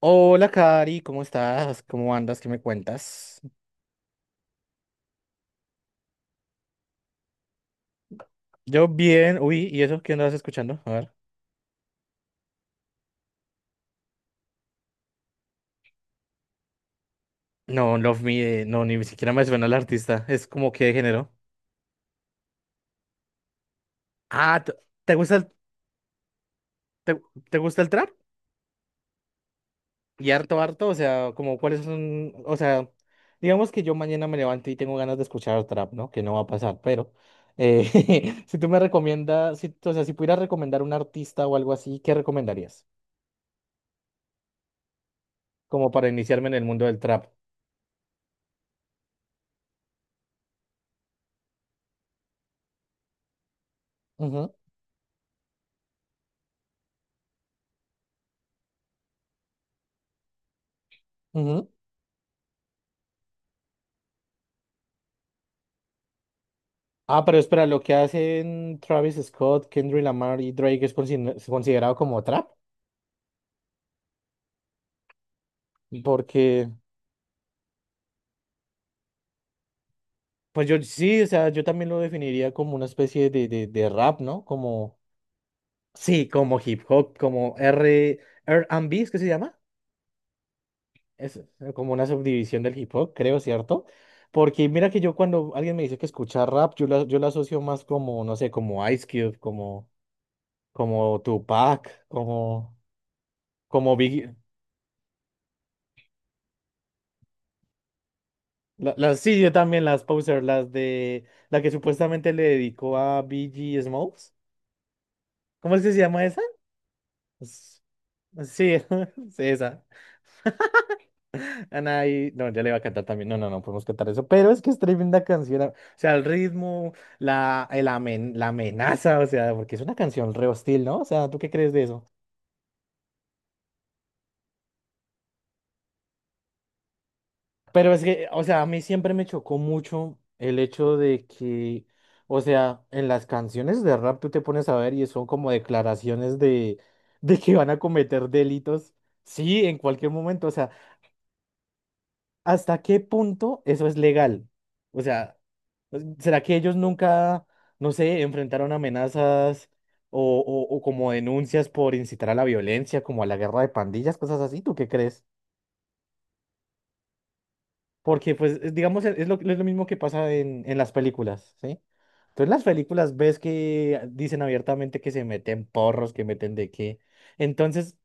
Hola, Cari, ¿cómo estás? ¿Cómo andas? ¿Qué me cuentas? Yo bien, uy, ¿y eso qué andabas escuchando? A ver. No, Love Me, no, ni siquiera me suena el artista. Es como que de género. Ah, ¿te gusta el, te, te gusta el trap? Y harto, harto, o sea, como cuáles son, o sea, digamos que yo mañana me levanto y tengo ganas de escuchar trap, ¿no? Que no va a pasar, pero si tú me recomiendas, si, o sea, si pudieras recomendar un artista o algo así, ¿qué recomendarías? Como para iniciarme en el mundo del trap. Ujú, ujú. Ah, pero espera, lo que hacen Travis Scott, Kendrick Lamar y Drake es es considerado como trap, porque, pues yo sí, o sea, yo también lo definiría como una especie de rap, ¿no? Como, sí, como hip hop, como R&B. ¿Es que se llama? Es como una subdivisión del hip hop, creo, ¿cierto? Porque mira que yo cuando alguien me dice que escucha rap, yo la asocio más como, no sé, como Ice Cube, como Tupac, como Biggie. Las, sí, yo también las poser, las de la que supuestamente le dedicó a BG Smokes. ¿Cómo es que se llama esa? Es- Sí, sí, esa. No, ya le iba a cantar también. No, no, no podemos cantar eso. Pero es que es tremenda canción. O sea, el ritmo, la amenaza, o sea, porque es una canción re hostil, ¿no? O sea, ¿tú qué crees de eso? Pero es que, o sea, a mí siempre me chocó mucho el hecho de que, o sea, en las canciones de rap tú te pones a ver y son como declaraciones de, de que van a cometer delitos. Sí, en cualquier momento. O sea, ¿hasta qué punto eso es legal? O sea, pues, ¿será que ellos nunca, no sé, enfrentaron amenazas o como denuncias por incitar a la violencia, como a la guerra de pandillas, cosas así? ¿Tú qué crees? Porque, pues, digamos, es lo mismo que pasa en las películas, ¿sí? Entonces, en las películas ves que dicen abiertamente que se meten porros, que meten de qué. Entonces,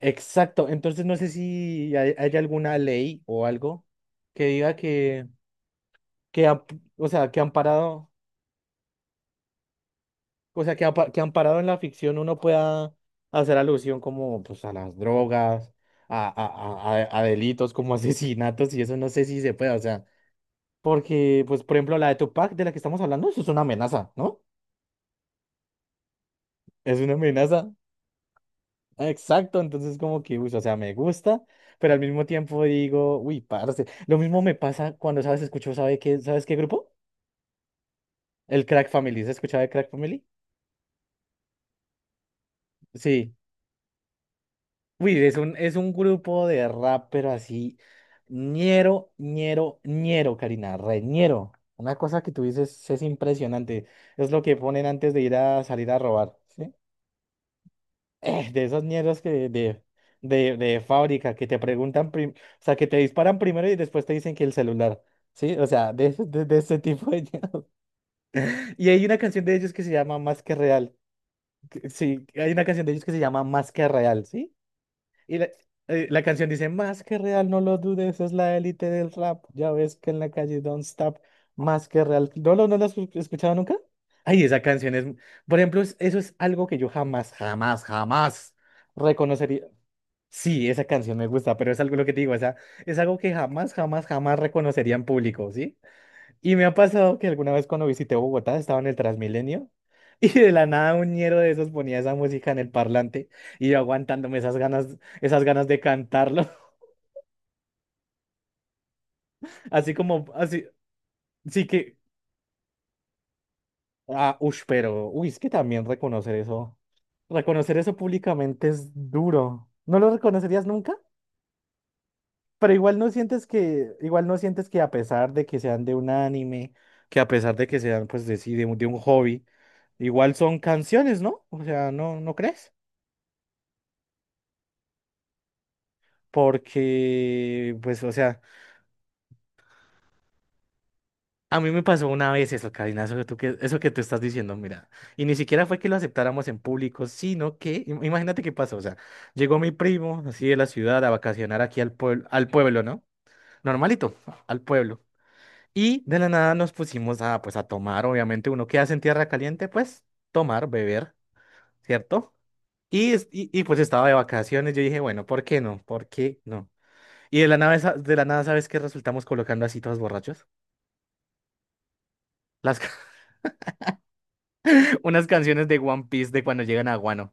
exacto. Entonces, no sé si hay alguna ley o algo que diga que, que o sea, que, amparado, o sea, que amparado en la ficción uno pueda hacer alusión como, pues, a las drogas, a delitos como asesinatos, y eso no sé si se puede, o sea. Porque, pues, por ejemplo, la de Tupac de la que estamos hablando, eso es una amenaza, ¿no? Es una amenaza. Ah, exacto, entonces como que, uy, o sea, me gusta, pero al mismo tiempo digo, uy, parce. Lo mismo me pasa cuando, ¿sabes? Escucho, ¿sabes qué grupo? El Crack Family. ¿Se escuchaba de Crack Family? Sí. Uy, es un grupo de rap, pero así, ñero, ñero, ñero, Karina, re ñero. Una cosa que tú dices es impresionante, es lo que ponen antes de ir a salir a robar, ¿sí? De esas mierdas que de fábrica que te preguntan, o sea, que te disparan primero y después te dicen que el celular, ¿sí? O sea, de ese tipo de mierdas. Y hay una canción de ellos que se llama Más que Real. Sí, hay una canción de ellos que se llama Más que Real, ¿sí? Y la, la canción dice, Más que Real, no lo dudes, es la élite del rap. Ya ves que en la calle don't stop, Más que Real. ¿No, lo no la has escuchado nunca? Ay, esa canción es, por ejemplo, eso es algo que yo jamás, jamás, jamás reconocería. Sí, esa canción me gusta, pero es algo lo que te digo, o sea, es algo que jamás, jamás, jamás reconocería en público, ¿sí? Y me ha pasado que alguna vez cuando visité Bogotá estaba en el Transmilenio y de la nada un ñero de esos ponía esa música en el parlante y yo aguantándome esas ganas de cantarlo, así como, así, sí que, ah, ush, pero, uy, es que también reconocer eso públicamente es duro. ¿No lo reconocerías nunca? Pero igual no sientes que, a pesar de que sean de un anime, que a pesar de que sean, pues, sí, de un hobby, igual son canciones, ¿no? O sea, ¿no, no crees? Porque, pues, o sea, a mí me pasó una vez eso, Karina, eso que tú estás diciendo, mira. Y ni siquiera fue que lo aceptáramos en público, sino que, imagínate qué pasó, o sea, llegó mi primo, así de la ciudad, a vacacionar aquí al pueblo, ¿no? Normalito, al pueblo. Y de la nada nos pusimos a, pues, a tomar, obviamente, uno que hace en tierra caliente, pues, tomar, beber, ¿cierto? Y pues estaba de vacaciones, yo dije, bueno, ¿por qué no? ¿Por qué no? Y de la nada, de la nada, ¿sabes qué resultamos colocando así todos borrachos? Las, ca- Unas canciones de One Piece de cuando llegan a Guano.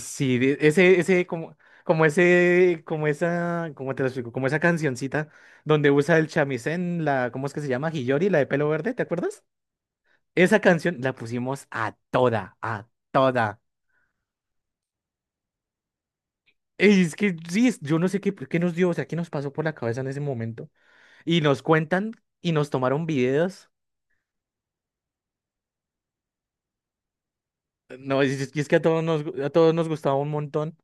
Sí, ese, como, como esa, ¿cómo te lo explico? Como esa cancioncita donde usa el chamisén, ¿cómo es que se llama? Hiyori, la de pelo verde, ¿te acuerdas? Esa canción la pusimos a toda, a toda. Y es que sí, yo no sé qué, pues, qué nos dio, o sea, qué nos pasó por la cabeza en ese momento. Y nos cuentan y nos tomaron videos. No, y es que a todos nos gustaba un montón.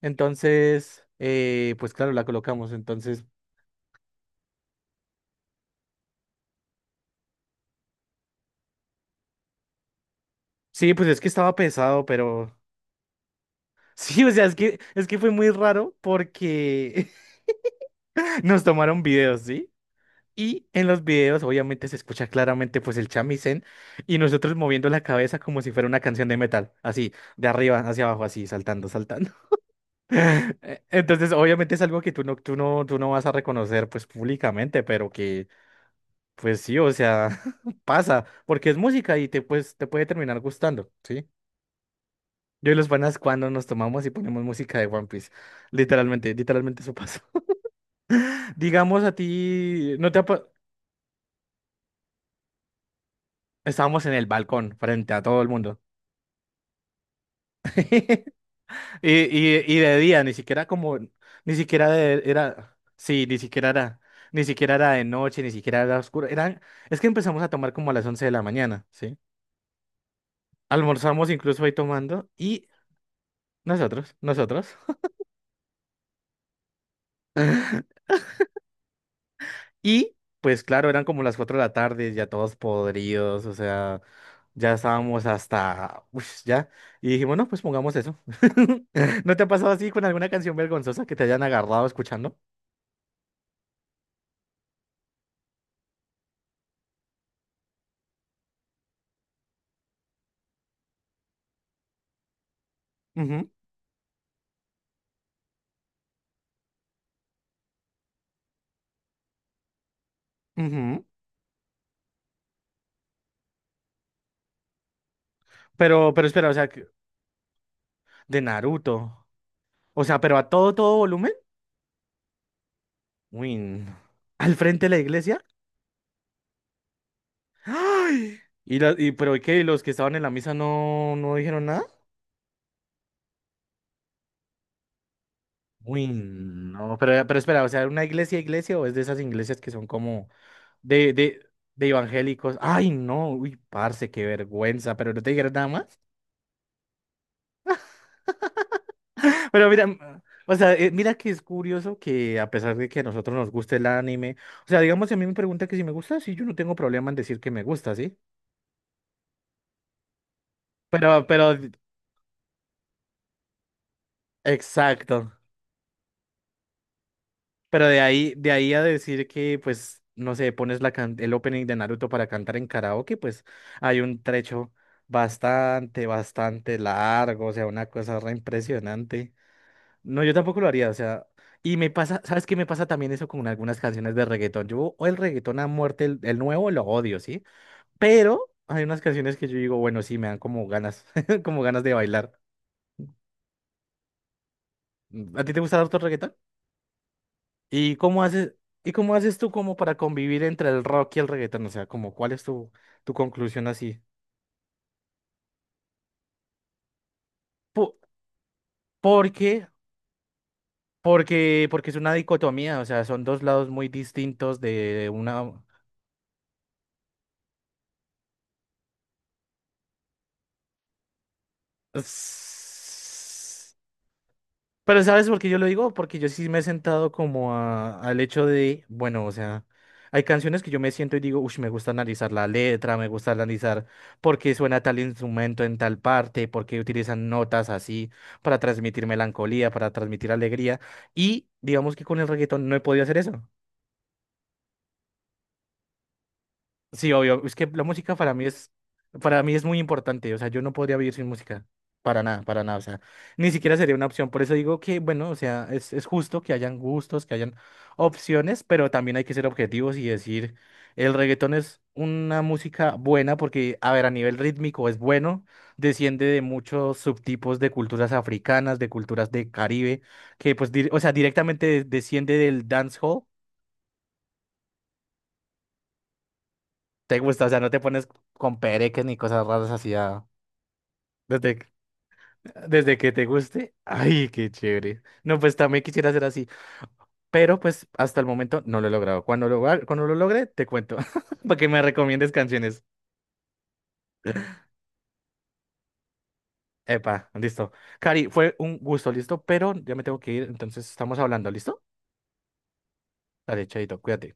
Entonces, pues claro, la colocamos. Entonces, sí, pues es que estaba pesado, pero sí, o sea, es que fue muy raro porque nos tomaron videos, ¿sí? Y en los videos obviamente se escucha claramente pues el chamisén y nosotros moviendo la cabeza como si fuera una canción de metal, así, de arriba hacia abajo, así, saltando, saltando. Entonces obviamente es algo que tú no vas a reconocer pues públicamente, pero que pues sí, o sea, pasa, porque es música y pues, te puede terminar gustando, ¿sí? Yo y los panas cuando nos tomamos y ponemos música de One Piece, literalmente, literalmente eso pasa. Digamos a ti, no te... ha Estábamos en el balcón frente a todo el mundo. Y de día, ni siquiera como, ni siquiera era, sí, ni siquiera era de noche, ni siquiera era oscuro. Es que empezamos a tomar como a las 11 de la mañana, ¿sí? Almorzamos incluso ahí tomando y nosotros, nosotros. Y pues claro, eran como las 4 de la tarde, ya todos podridos, o sea, ya estábamos hasta, uff, ya. Y dijimos, no, pues pongamos eso. ¿No te ha pasado así con alguna canción vergonzosa que te hayan agarrado escuchando? Ujú, ujú. Pero espera, o sea, de Naruto. O sea, pero a todo, todo volumen. Uy, no. ¿Al frente de la iglesia? ¡Ay! ¿Y pero qué, ¿y los que estaban en la misa no, no dijeron nada? Uy, no, pero espera, o sea, ¿una iglesia, iglesia o es de esas iglesias que son como de, de, de evangélicos? Ay, no, uy, parce, qué vergüenza, pero no te dijeron nada más. Pero mira, o sea, mira que es curioso que a pesar de que a nosotros nos guste el anime, o sea, digamos, si a mí me pregunta que si me gusta, sí, yo no tengo problema en decir que me gusta, ¿sí? Pero exacto. Pero de ahí a decir que, pues, no sé, pones el opening de Naruto para cantar en karaoke, pues hay un trecho bastante, bastante largo, o sea, una cosa re impresionante. No, yo tampoco lo haría, o sea, y me pasa, ¿sabes qué me pasa también eso con algunas canciones de reggaetón? Yo o el reggaetón a muerte, el nuevo lo odio, ¿sí? Pero hay unas canciones que yo digo, bueno, sí, me dan como ganas, como ganas de bailar. ¿A ti te gusta harto el reggaetón? ¿Y cómo haces, y cómo haces tú como para convivir entre el rock y el reggaetón? O sea, como, ¿cuál es tu conclusión así? Po- porque, porque es una dicotomía, o sea, son dos lados muy distintos de una... Pero ¿sabes por qué yo lo digo? Porque yo sí me he sentado como al hecho de, bueno, o sea, hay canciones que yo me siento y digo, uff, me gusta analizar la letra, me gusta analizar por qué suena tal instrumento en tal parte, por qué utilizan notas así para transmitir melancolía, para transmitir alegría. Y digamos que con el reggaetón no he podido hacer eso. Sí, obvio. Es que la música para mí es muy importante. O sea, yo no podría vivir sin música. Para nada, para nada. O sea, ni siquiera sería una opción. Por eso digo que, bueno, o sea, es justo que hayan gustos, que hayan opciones, pero también hay que ser objetivos y decir, el reggaetón es una música buena porque, a ver, a nivel rítmico es bueno, desciende de muchos subtipos de culturas africanas, de culturas de Caribe, que pues, o sea, directamente desciende del dancehall. Te gusta, o sea, no te pones con pereques ni cosas raras así. Desde, que- desde que te guste. Ay, qué chévere. No, pues también quisiera ser así. Pero pues hasta el momento no lo he logrado. Cuando lo logre, te cuento. Para que me recomiendes canciones. Epa, listo. Cari, fue un gusto, listo. Pero ya me tengo que ir. Entonces estamos hablando, ¿listo? Dale, chaito, cuídate.